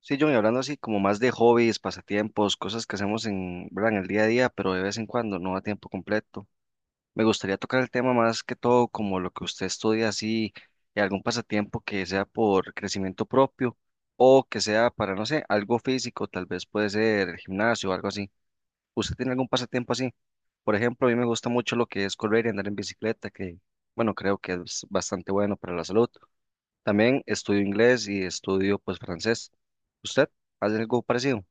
Sí, John, y hablando así como más de hobbies, pasatiempos, cosas que hacemos en, ¿verdad? En el día a día, pero de vez en cuando, no a tiempo completo. Me gustaría tocar el tema más que todo como lo que usted estudia así, y algún pasatiempo que sea por crecimiento propio o que sea para, no sé, algo físico, tal vez puede ser el gimnasio o algo así. ¿Usted tiene algún pasatiempo así? Por ejemplo, a mí me gusta mucho lo que es correr y andar en bicicleta, que bueno, creo que es bastante bueno para la salud. También estudio inglés y estudio pues francés. ¿Usted hace algo parecido?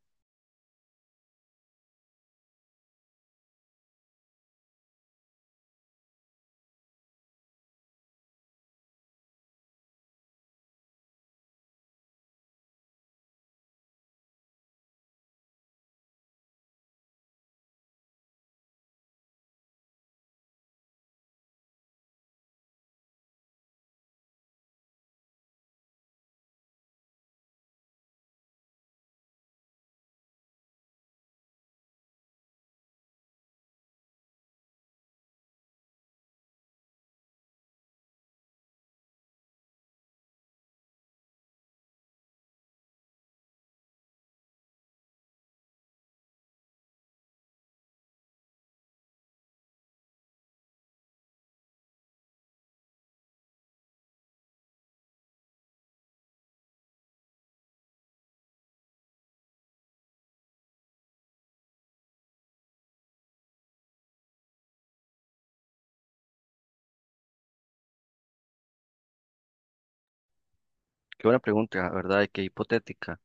Qué buena pregunta, la ¿verdad? Y qué hipotética.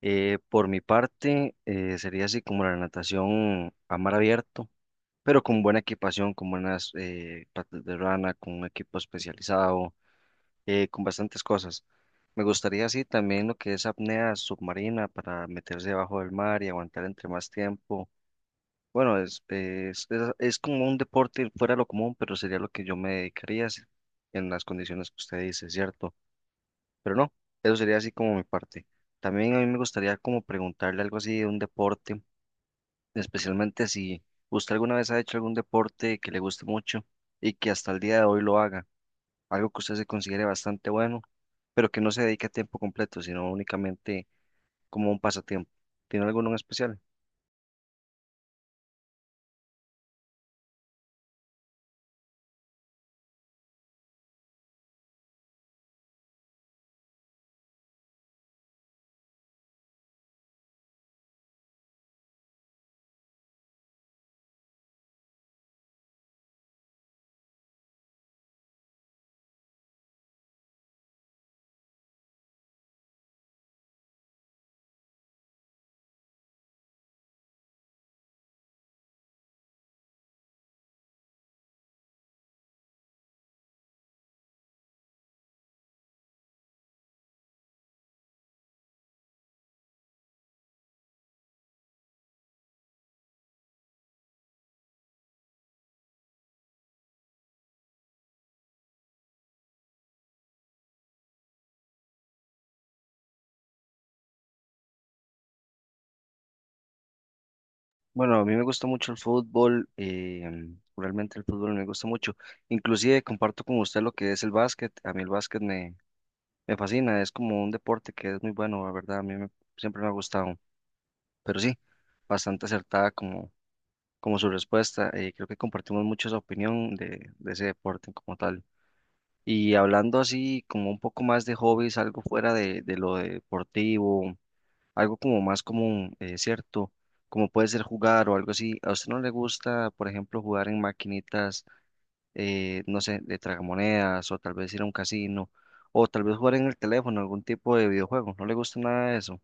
Por mi parte, sería así como la natación a mar abierto, pero con buena equipación, con buenas patas de rana, con un equipo especializado, con bastantes cosas. Me gustaría así también lo que es apnea submarina para meterse debajo del mar y aguantar entre más tiempo. Bueno, es como un deporte fuera de lo común, pero sería lo que yo me dedicaría en las condiciones que usted dice, ¿cierto? Pero no, eso sería así como mi parte. También a mí me gustaría como preguntarle algo así de un deporte, especialmente si usted alguna vez ha hecho algún deporte que le guste mucho y que hasta el día de hoy lo haga, algo que usted se considere bastante bueno, pero que no se dedique a tiempo completo, sino únicamente como un pasatiempo. ¿Tiene alguno en especial? Bueno, a mí me gusta mucho el fútbol, realmente el fútbol me gusta mucho. Inclusive comparto con usted lo que es el básquet. A mí el básquet me fascina, es como un deporte que es muy bueno, la verdad, siempre me ha gustado. Pero sí, bastante acertada como su respuesta. Creo que compartimos mucho esa opinión de ese deporte como tal. Y hablando así como un poco más de hobbies, algo fuera de lo deportivo, algo como más común, ¿cierto? Como puede ser jugar o algo así. ¿A usted no le gusta, por ejemplo, jugar en maquinitas, no sé, de tragamonedas o tal vez ir a un casino o tal vez jugar en el teléfono, algún tipo de videojuego? ¿No le gusta nada de eso?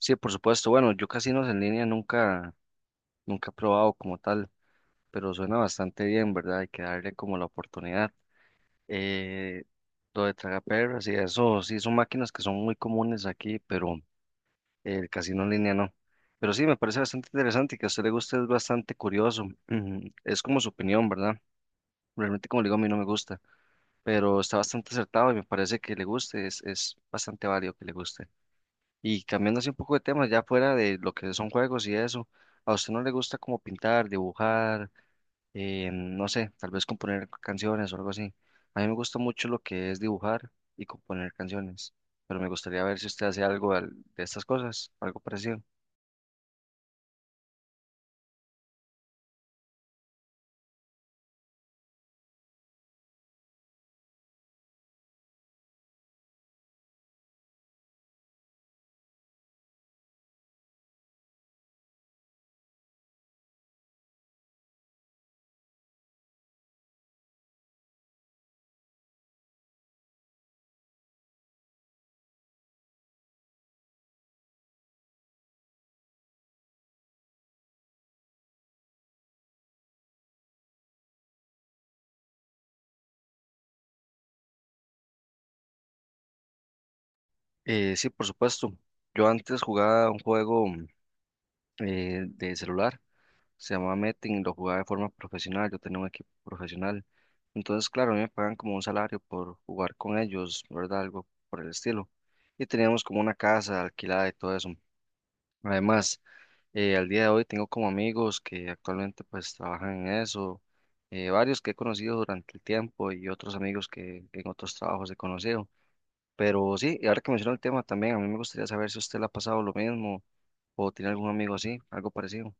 Sí, por supuesto. Bueno, yo casinos en línea nunca he probado como tal, pero suena bastante bien, ¿verdad? Hay que darle como la oportunidad. Eh, lo de tragaperras y eso, sí, son máquinas que son muy comunes aquí, pero… El casino en línea no. Pero sí, me parece bastante interesante y que a usted le guste es bastante curioso. Ujú, es como su opinión, ¿verdad? Realmente, como le digo, a mí no me gusta, pero está bastante acertado y me parece que le guste, es bastante válido que le guste. Y cambiando así un poco de tema, ya fuera de lo que son juegos y eso, ¿a usted no le gusta como pintar, dibujar, no sé, tal vez componer canciones o algo así? A mí me gusta mucho lo que es dibujar y componer canciones, pero me gustaría ver si usted hace de estas cosas, algo parecido. Sí, por supuesto. Yo antes jugaba un juego, de celular, se llamaba Metin, lo jugaba de forma profesional, yo tenía un equipo profesional. Entonces, claro, a mí me pagan como un salario por jugar con ellos, ¿verdad? Algo por el estilo. Y teníamos como una casa alquilada y todo eso. Además, al día de hoy tengo como amigos que actualmente pues trabajan en eso, varios que he conocido durante el tiempo y otros amigos que en otros trabajos he conocido. Pero sí, y ahora que mencionó el tema también, a mí me gustaría saber si usted le ha pasado lo mismo o tiene algún amigo así, algo parecido.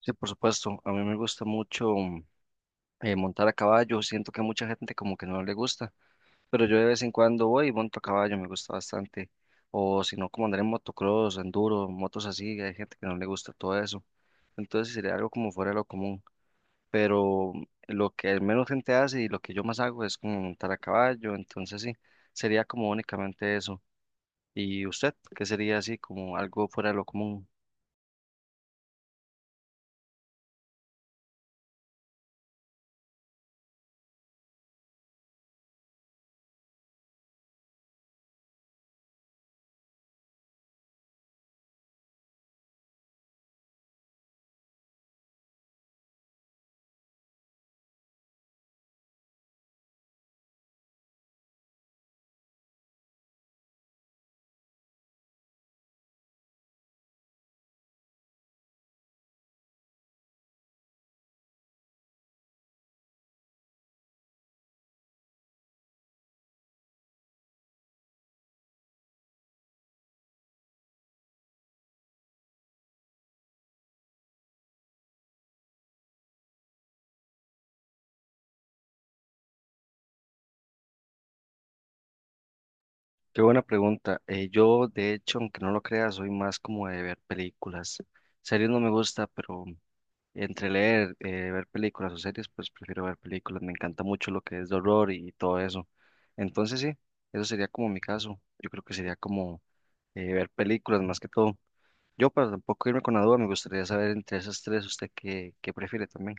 Sí, por supuesto, a mí me gusta mucho, montar a caballo, siento que a mucha gente como que no le gusta, pero yo de vez en cuando voy y monto a caballo, me gusta bastante. O si no, como andar en motocross, enduro, motos así, hay gente que no le gusta todo eso. Entonces sí sería algo como fuera de lo común, pero lo que menos gente hace y lo que yo más hago es como montar a caballo, entonces sí, sería como únicamente eso. ¿Y usted qué sería así como algo fuera de lo común? Qué buena pregunta. Yo, de hecho, aunque no lo crea, soy más como de ver películas. Series no me gusta, pero entre leer, ver películas o series, pues prefiero ver películas. Me encanta mucho lo que es de horror y todo eso. Entonces sí, eso sería como mi caso. Yo creo que sería como ver películas más que todo. Yo, para tampoco irme con la duda, me gustaría saber entre esas tres, ¿usted qué prefiere también?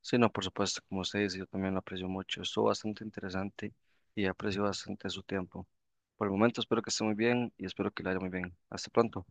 Sí, no, por supuesto, como usted dice, yo también lo aprecio mucho. Estuvo bastante interesante y aprecio bastante su tiempo. Por el momento, espero que esté muy bien y espero que le vaya muy bien. Hasta pronto.